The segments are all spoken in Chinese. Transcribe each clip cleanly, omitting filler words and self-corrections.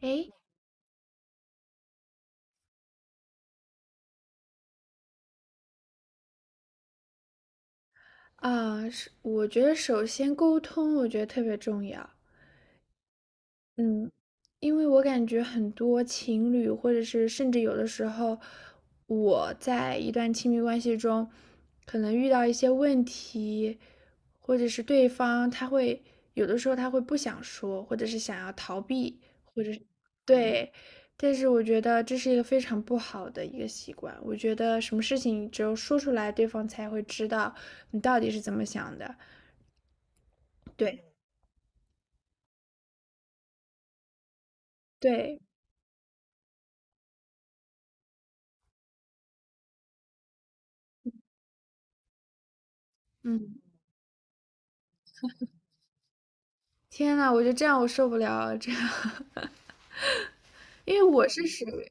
诶，啊，是我觉得首先沟通，我觉得特别重要。嗯，因为我感觉很多情侣，或者是甚至有的时候，我在一段亲密关系中，可能遇到一些问题，或者是对方他会有的时候他会不想说，或者是想要逃避，或者是对，但是我觉得这是一个非常不好的一个习惯。我觉得什么事情只有说出来，对方才会知道你到底是怎么想的。对对，嗯，天呐，我觉得这样我受不了啊，这样。因为我是属于，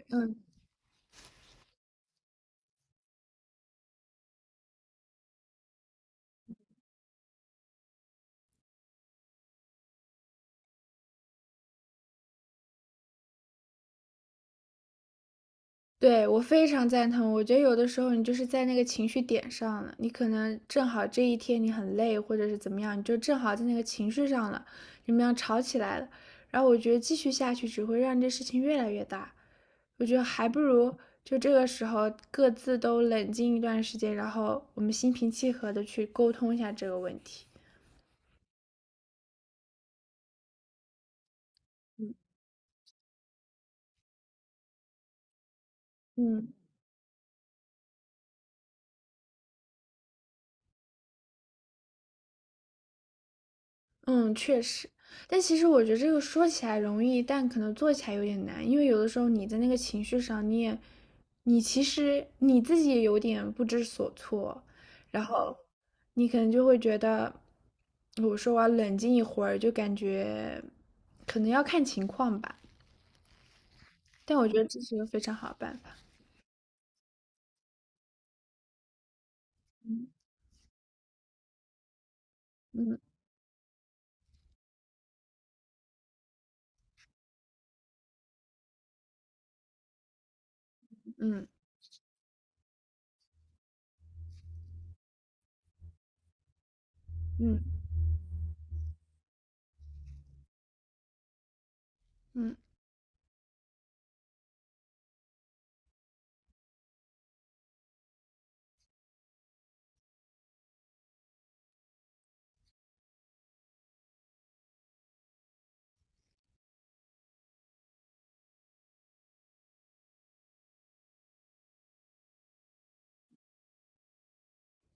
对，我非常赞同。我觉得有的时候你就是在那个情绪点上了，你可能正好这一天你很累，或者是怎么样，你就正好在那个情绪上了，你们俩吵起来了。然后我觉得继续下去只会让这事情越来越大。我觉得还不如就这个时候各自都冷静一段时间，然后我们心平气和的去沟通一下这个问题。嗯。嗯。嗯，确实，但其实我觉得这个说起来容易，但可能做起来有点难，因为有的时候你在那个情绪上，你也，你其实你自己也有点不知所措，然后你可能就会觉得，我说我要冷静一会儿，就感觉可能要看情况吧，但我觉得这是一个非常好的办法。嗯嗯嗯嗯。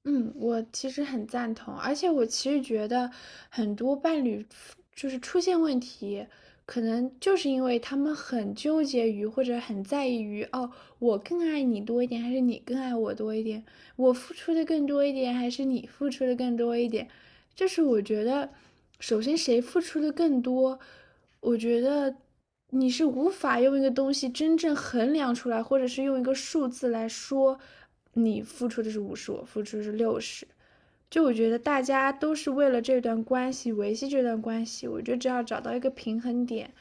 嗯，我其实很赞同，而且我其实觉得很多伴侣出就是出现问题，可能就是因为他们很纠结于或者很在意于，哦，我更爱你多一点，还是你更爱我多一点？我付出的更多一点，还是你付出的更多一点？就是我觉得，首先谁付出的更多，我觉得你是无法用一个东西真正衡量出来，或者是用一个数字来说，你付出的是50，我付出的是60。就我觉得大家都是为了这段关系维系这段关系，我觉得只要找到一个平衡点，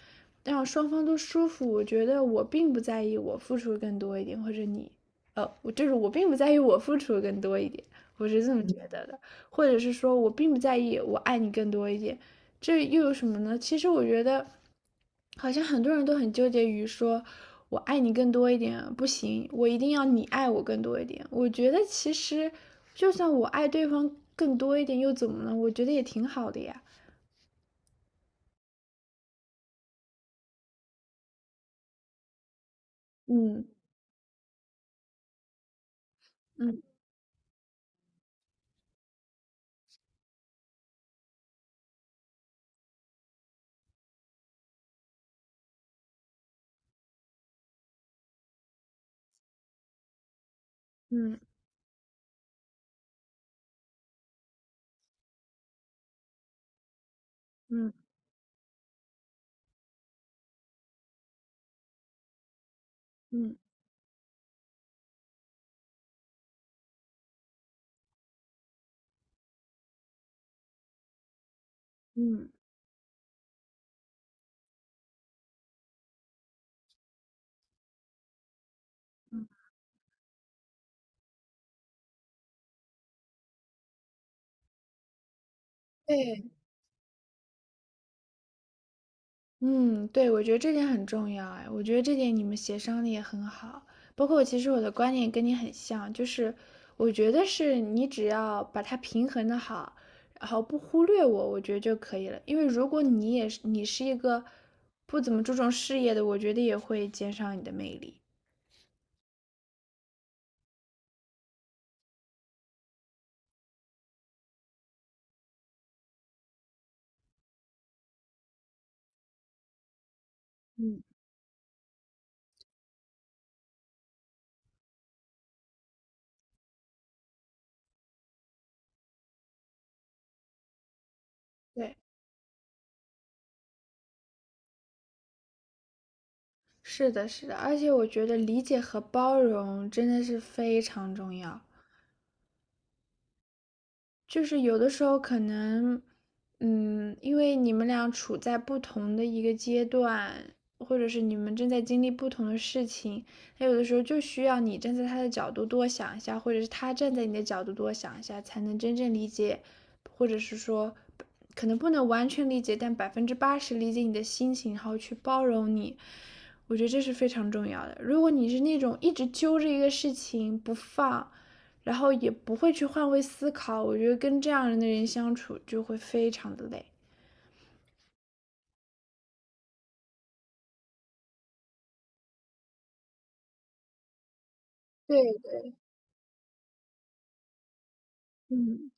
让双方都舒服，我觉得我并不在意我付出更多一点，或者你，我就是我并不在意我付出更多一点，我是这么觉得的，或者是说我并不在意我爱你更多一点，这又有什么呢？其实我觉得，好像很多人都很纠结于说，我爱你更多一点不行，我一定要你爱我更多一点。我觉得其实，就算我爱对方更多一点又怎么了？我觉得也挺好的呀。嗯嗯嗯嗯嗯嗯嗯，对。嗯，对，我觉得这点很重要哎，我觉得这点你们协商的也很好。包括其实我的观点跟你很像，就是我觉得是你只要把它平衡的好，然后不忽略我，我觉得就可以了。因为如果你也是你是一个不怎么注重事业的，我觉得也会减少你的魅力。对，是的，是的，而且我觉得理解和包容真的是非常重要。就是有的时候可能，嗯，因为你们俩处在不同的一个阶段，或者是你们正在经历不同的事情，他有的时候就需要你站在他的角度多想一下，或者是他站在你的角度多想一下，才能真正理解，或者是说，可能不能完全理解，但80%理解你的心情，然后去包容你。我觉得这是非常重要的。如果你是那种一直揪着一个事情不放，然后也不会去换位思考。我觉得跟这样的人相处就会非常的累。对的，嗯，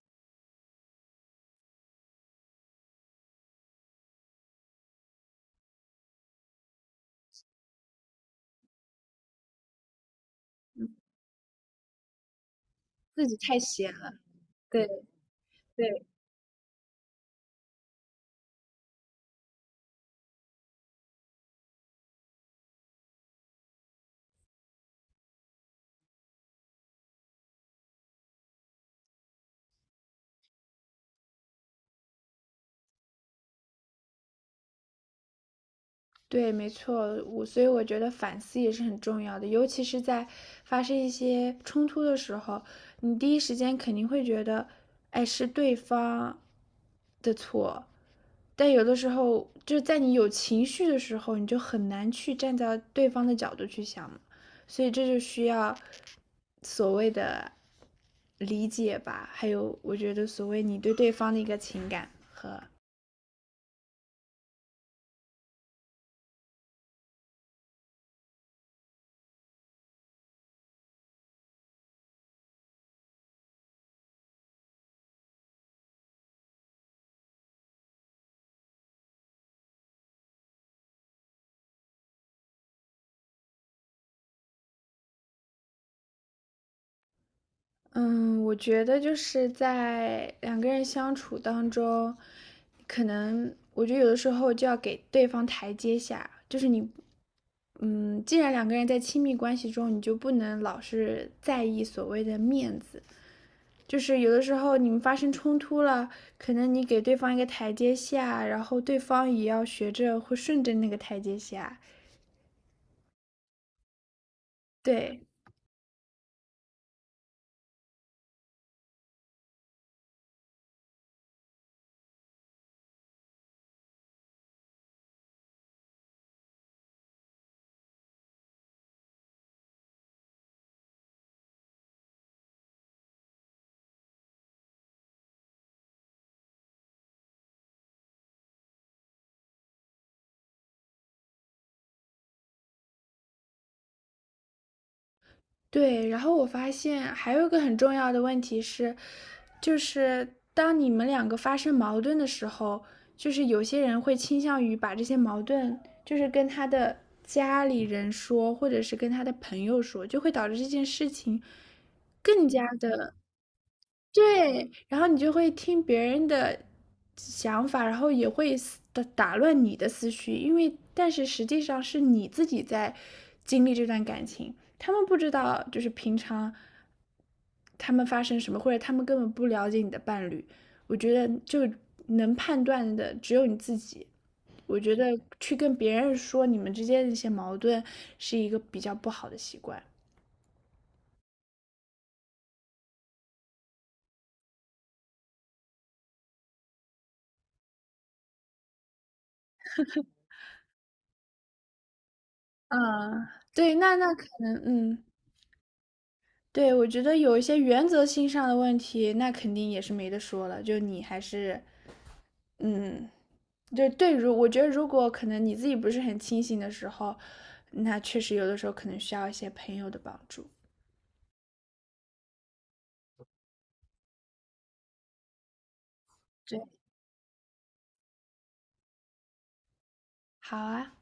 嗯自己太闲了。对对，对，没错，我所以我觉得反思也是很重要的，尤其是在发生一些冲突的时候，你第一时间肯定会觉得，哎，是对方的错，但有的时候就是在你有情绪的时候，你就很难去站在对方的角度去想嘛，所以这就需要所谓的理解吧，还有我觉得所谓你对对方的一个情感和嗯，我觉得就是在两个人相处当中，可能我觉得有的时候就要给对方台阶下，就是你。嗯，既然两个人在亲密关系中，你就不能老是在意所谓的面子，就是有的时候你们发生冲突了，可能你给对方一个台阶下，然后对方也要学着会顺着那个台阶下。对对，然后我发现还有一个很重要的问题是，就是当你们两个发生矛盾的时候，就是有些人会倾向于把这些矛盾，就是跟他的家里人说，或者是跟他的朋友说，就会导致这件事情更加的对，然后你就会听别人的想法，然后也会打乱你的思绪，因为但是实际上是你自己在经历这段感情，他们不知道就是平常他们发生什么，或者他们根本不了解你的伴侣，我觉得就能判断的只有你自己。我觉得去跟别人说你们之间的一些矛盾是一个比较不好的习惯。嗯，对，那那可能，嗯。对，我觉得有一些原则性上的问题，那肯定也是没得说了。就你还是，嗯，就对，如我觉得，如果可能你自己不是很清醒的时候，那确实有的时候可能需要一些朋友的帮助。对，好啊。